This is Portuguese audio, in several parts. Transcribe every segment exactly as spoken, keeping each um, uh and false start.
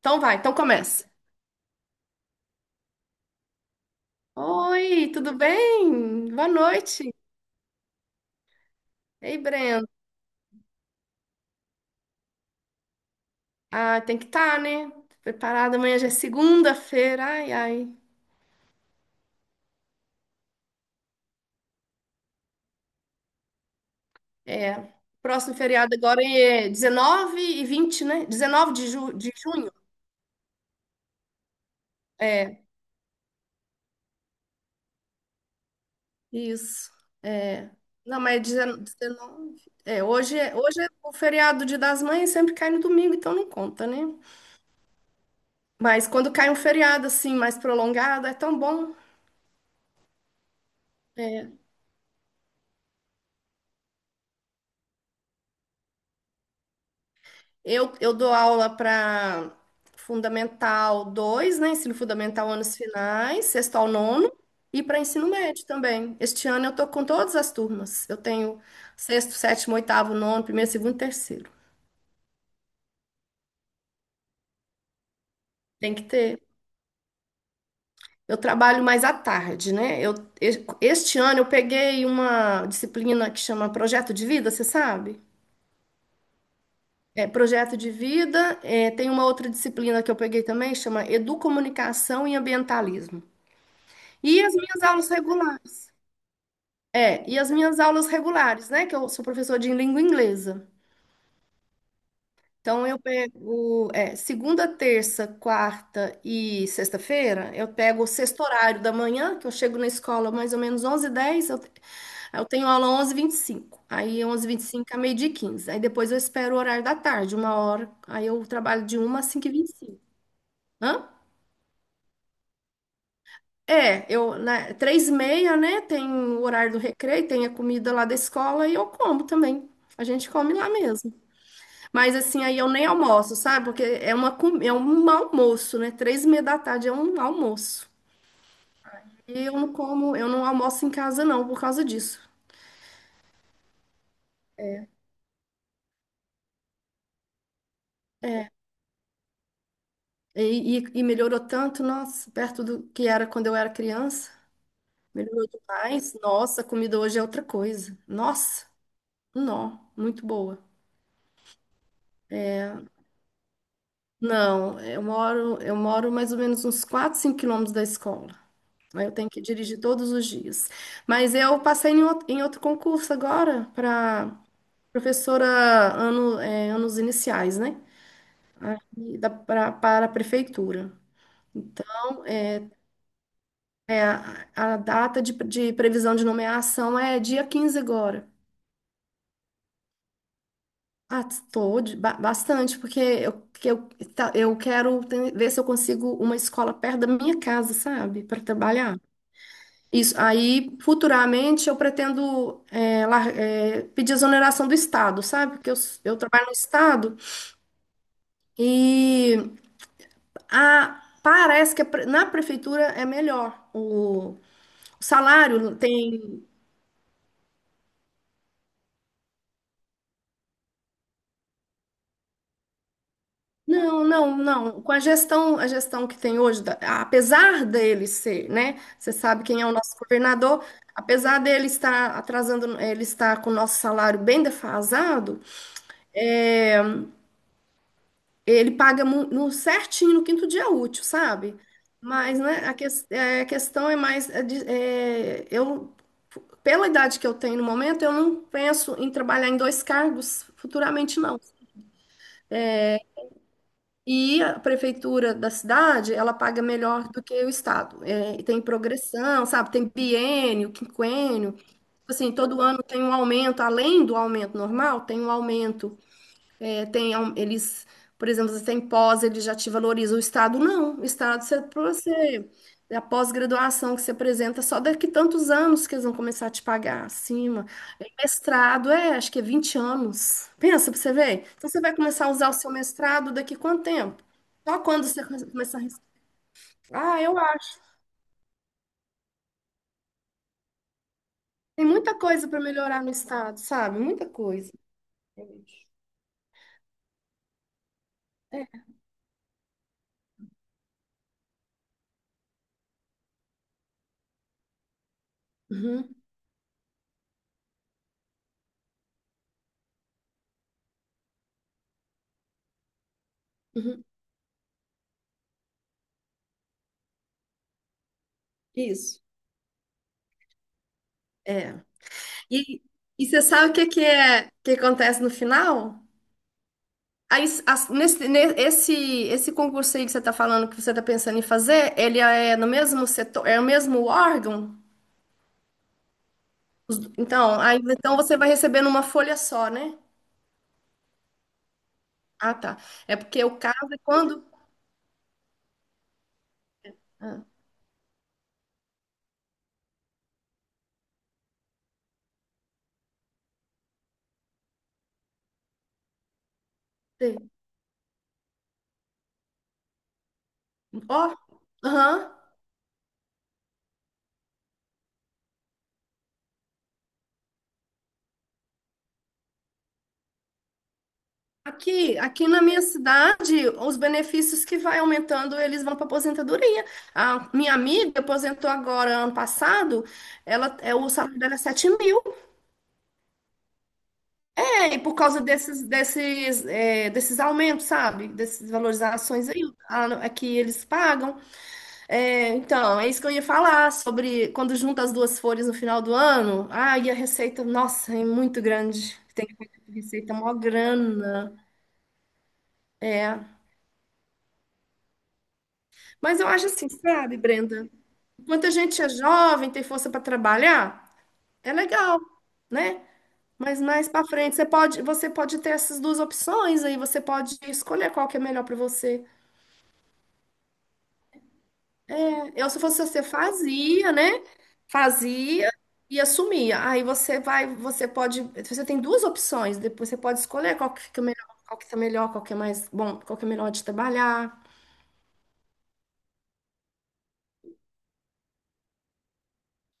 Então vai, então começa. Oi, tudo bem? Boa noite. Ei, Breno. Ah, tem que estar, né? Preparada, amanhã já é segunda-feira. Ai, ai. É. Próximo feriado agora é dezenove e vinte, né? dezenove de, ju de junho. É, isso. É. Não, mas é dezenove. É, hoje é, hoje é o feriado Dia das Mães, sempre cai no domingo, então não conta, né? Mas quando cai um feriado assim mais prolongado, é tão bom. É. Eu, eu dou aula para fundamental dois, né? Ensino Fundamental anos finais, sexto ao nono, e para ensino médio também. Este ano eu tô com todas as turmas. Eu tenho sexto, sétimo, oitavo, nono, primeiro, segundo e terceiro. Tem que ter. Eu trabalho mais à tarde, né? Eu, e- este ano eu peguei uma disciplina que chama Projeto de Vida, você sabe? É, projeto de vida. É, tem uma outra disciplina que eu peguei também, chama Educomunicação e Ambientalismo. E as minhas aulas regulares. É, e as minhas aulas regulares, né? Que eu sou professora de língua inglesa. Então, eu pego, é, segunda, terça, quarta e sexta-feira, eu pego o sexto horário da manhã, que eu chego na escola mais ou menos onze e dez, eu, eu tenho aula onze e vinte e cinco. Aí, onze e vinte e cinco a meio-dia e quinze. Aí, depois eu espero o horário da tarde, uma hora. Aí, eu trabalho de uma às cinco e vinte e cinco. É, eu, né, três e meia, né? Tem o horário do recreio, tem a comida lá da escola e eu como também. A gente come lá mesmo. Mas assim, aí eu nem almoço, sabe? Porque é uma, com- é um almoço, né? Três e meia da tarde é um almoço. E eu não como, eu não almoço em casa não, por causa disso. E, e, e melhorou tanto, nossa, perto do que era quando eu era criança. Melhorou demais. Nossa, a comida hoje é outra coisa. Nossa, nó, muito boa. Não, eu moro, eu moro mais ou menos uns quatro, cinco quilômetros da escola. Aí eu tenho que dirigir todos os dias. Mas eu passei em outro, em outro concurso agora para professora ano, é, anos iniciais, né? E da- pra- para a prefeitura. Então, é, é a, a data de, de previsão de nomeação é dia quinze agora. Ah, estou bastante, porque eu, que eu, tá- eu quero ten- ver se eu consigo uma escola perto da minha casa, sabe? Para trabalhar. Isso. Aí, futuramente, eu pretendo é, lar- é, pedir exoneração do Estado, sabe? Porque eu, s- eu trabalho no Estado e a- parece que a pre- na prefeitura é melhor. O, o salário tem. Não, não, não. Com a gestão, a gestão que tem hoje, da- apesar dele ser, né? Você sabe quem é o nosso governador, apesar dele estar atrasando, ele está com o nosso salário bem defasado. É, ele paga mu- no certinho no quinto dia útil, sabe? Mas, né, a, ques- é, a questão é mais, é de- é, eu, pela idade que eu tenho no momento, eu não penso em trabalhar em dois cargos futuramente, não. E a prefeitura da cidade, ela paga melhor do que o estado. É, e tem progressão, sabe? Tem biênio, quinquênio. Assim, todo ano tem um aumento, além do aumento normal, tem um aumento. É, tem, é um, eles, por exemplo, você tem pós, ele já te valoriza. O Estado não. O Estado, você, pra você, é a pós-graduação que você apresenta, só daqui tantos anos que eles vão começar a te pagar acima. É, Mestrado, é, acho que é vinte anos. Pensa pra você ver. Então, você vai começar a usar o seu mestrado daqui quanto tempo? Só quando você come- começar a... res- Ah, eu acho. Tem muita coisa para melhorar no Estado, sabe? Muita coisa. Uhum, uhum. Isso. É. E, e você sabe o que que é que acontece no final? Aí, s- as- nesse, ne- esse, esse concurso aí que você está falando, que você está pensando em fazer, ele é no mesmo setor, é o mesmo órgão? Então, aí, então você vai receber numa folha só, né? Ah, tá. É porque o caso é quando. Ah, sei. Ó, aham. Aqui, aqui na minha cidade, os benefícios que vai aumentando, eles vão para aposentadoria. A minha amiga aposentou agora ano passado, ela, é, o salário dela é sete mil, né? E por causa desses, desses, é, desses aumentos, sabe? Dessas valorizações aí, a- a que eles pagam. É, então, é isso que eu ia falar sobre quando junta as duas folhas no final do ano. Ah, e a receita, nossa, é muito grande. Tem que pagar receita, mó grana. É. Mas eu acho assim, sabe, Brenda? Muita gente é jovem, tem força para trabalhar, é legal, né? Mas mais para frente, você pode, você pode ter essas duas opções aí, você pode escolher qual que é melhor para você. Eu, se fosse você, fazia, né? Fazia e assumia. Aí você vai, você pode, você tem duas opções, depois você pode escolher qual que fica melhor, qual que tá melhor, qual que é mais bom, qual que é melhor de trabalhar.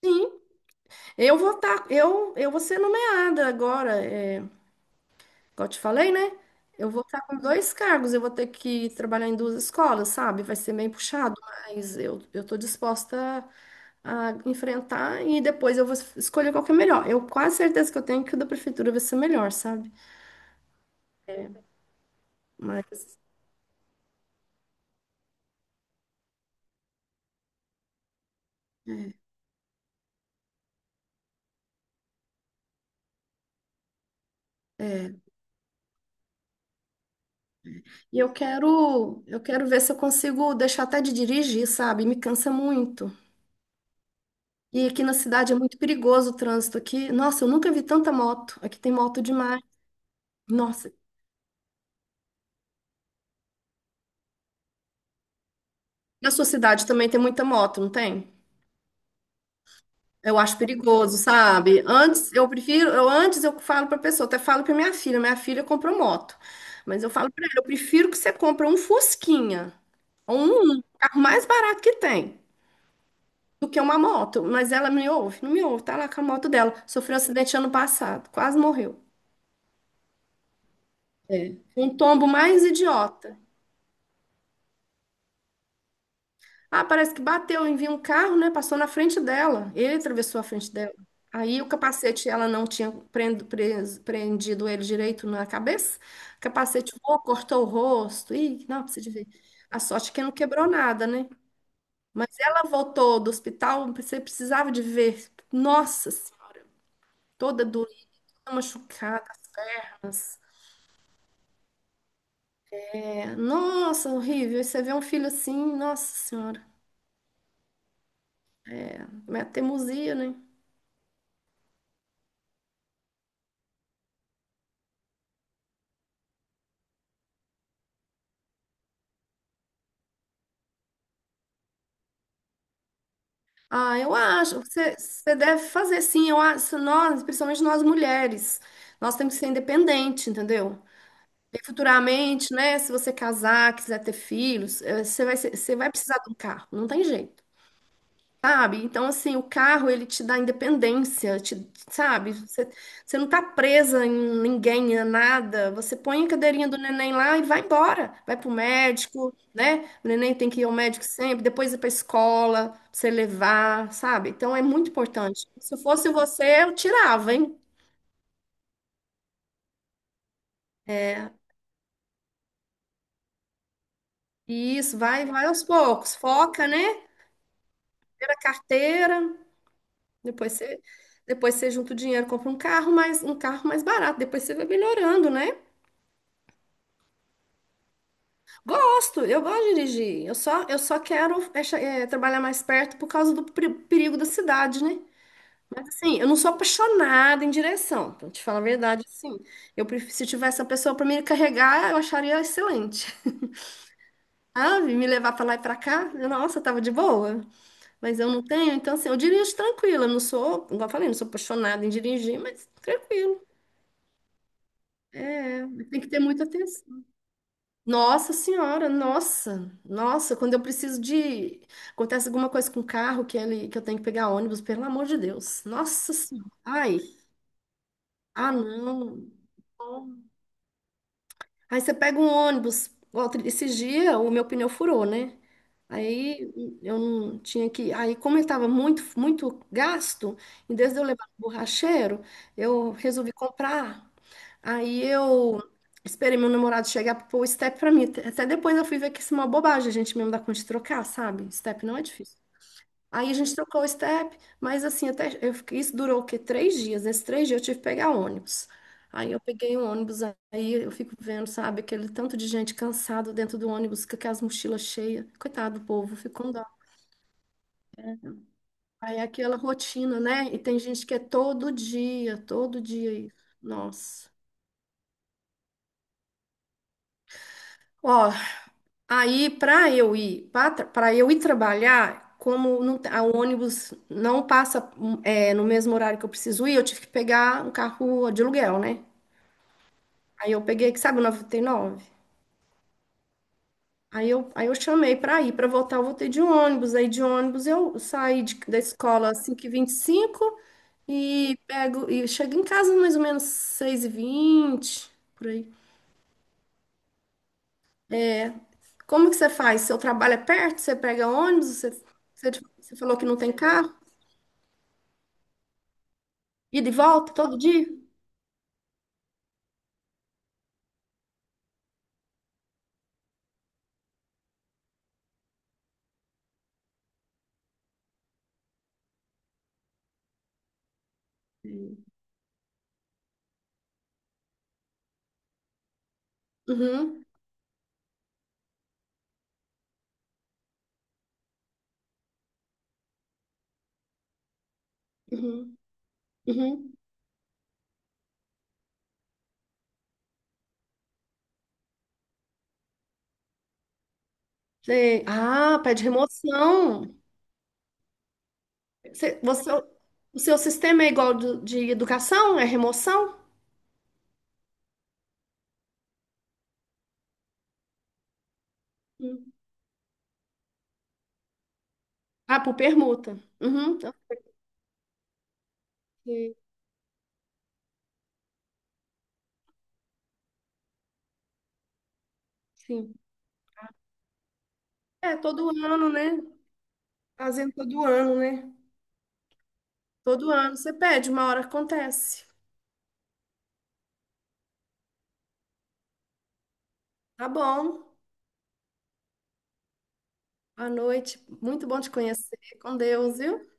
Sim, eu vou estar, eu, eu vou ser nomeada agora. É, como eu te falei, né? Eu vou estar com dois cargos, eu vou ter que trabalhar em duas escolas, sabe? Vai ser bem puxado, mas eu, eu tô disposta a enfrentar e depois eu vou escolher qual que é melhor. Eu quase certeza que eu tenho que o da prefeitura vai ser melhor, sabe? Mas é. E eu quero, eu quero ver se eu consigo deixar até de dirigir, sabe? Me cansa muito. E aqui na cidade é muito perigoso o trânsito aqui. Nossa, eu nunca vi tanta moto. Aqui tem moto demais. Nossa. Na sua cidade também tem muita moto, não tem? Eu acho perigoso, sabe? Antes eu prefiro, eu antes eu falo para pessoa, até falo para minha filha, minha filha comprou moto. Mas eu falo para ela, eu prefiro que você compre um Fusquinha, um um, um carro mais barato que tem, do que uma moto. Mas ela me ouve, não me ouve, tá lá com a moto dela. Sofreu um acidente ano passado, quase morreu. É. Um tombo mais idiota. Ah, parece que bateu, enviou um carro, né? Passou na frente dela. Ele atravessou a frente dela. Aí o capacete, ela não tinha prendo- pres- prendido ele direito na cabeça. O capacete voou, cortou o rosto. Ih, não, precisa de ver. A sorte é que não quebrou nada, né? Mas ela voltou do hospital, você precisava de ver. Nossa Senhora, toda doída, machucada. É, nossa, horrível. E você vê um filho assim, nossa Senhora, é teimosia, né? Ah, eu acho, você, você deve fazer sim, eu acho, nós, principalmente nós mulheres, nós temos que ser independente, entendeu? E futuramente, né, se você casar, quiser ter filhos, eh, você vai, ser- você vai precisar de um carro, não tem jeito. Sabe? Então, assim, o carro, ele te dá independência, te, sabe? Você, você não tá presa em ninguém, a nada. Você põe a cadeirinha do neném lá e vai embora. Vai pro médico, né? O neném tem que ir ao médico sempre, depois ir pra escola, pra você levar, sabe? Então, é muito importante. Se eu fosse você, eu tirava, hein? Isso, vai, vai aos poucos. Foca, né? Primeiro a carteira, depois você, depois você junta o dinheiro, compra um carro mais, um carro mais barato. Depois você vai melhorando, né? Gosto, eu gosto de dirigir. Eu só, eu só quero é, cha- é, trabalhar mais perto por causa do peri- perigo da cidade, né? Mas assim, eu não sou apaixonada em direção, pra te falar a verdade, assim. Eu prefiro, se tivesse uma pessoa pra me carregar, eu acharia excelente. Sabe? Me levar pra lá e pra cá, eu, nossa, tava de boa. Mas eu não tenho, então assim, eu dirijo tranquila. Eu não sou, igual eu falei, não sou apaixonada em dirigir, mas tranquilo. Tem que ter muita atenção. Nossa Senhora, nossa, nossa, quando eu preciso de. Acontece alguma coisa com o carro que, ele, que eu tenho que pegar ônibus, pelo amor de Deus. Nossa Senhora. Ai, ah, não. Aí você pega um ônibus, igual outro- esses dias o meu pneu furou, né? Aí eu não tinha que. Aí, como ele estava muito, muito gasto, em vez de eu levar no borracheiro, eu resolvi comprar. Aí eu esperei meu namorado chegar para pôr o step para mim. Até depois eu fui ver que isso é uma bobagem, a gente mesmo dá conta de trocar, sabe? Step não é difícil. Aí a gente trocou o step, mas assim, até eu fiquei- isso durou o quê? Três dias. Nesses três dias eu tive que pegar ônibus. Aí eu peguei um ônibus, aí eu fico vendo, sabe, aquele tanto de gente cansada dentro do ônibus, com aquelas mochilas cheias. Coitado do povo, fico com dó. Aí é aquela rotina, né? E tem gente que é todo dia, todo dia isso. Nossa. Ó, aí para eu ir, para eu ir trabalhar, como não, te- a o ônibus não passa hum, é, no mesmo horário que eu preciso ir, eu tive que pegar um carro de aluguel, né? Aí eu peguei, que sabe, o novecentos e trinta e nove. Aí eu, aí eu chamei para ir, para voltar, eu voltei de ônibus. Aí de ônibus eu saí de- da escola às cinco e vinte e cinco e cinco e pego e chego em casa mais ou menos seis e vinte por aí. Como que você faz? Seu trabalho é perto? Você pega ônibus? Você, você, você falou que não tem carro? Ida e volta todo dia? Sim. Uhum, uhum, uhum. Sei. Ah, pede remoção. Você, você- o seu sistema é igual do- de educação? É remoção? Ah, por permuta. Uhum. Ok, sim. É, todo ano, né? Fazendo todo ano, né? Todo ano você pede, uma hora acontece. Tá bom. Boa noite. Muito bom te conhecer. Com Deus, viu?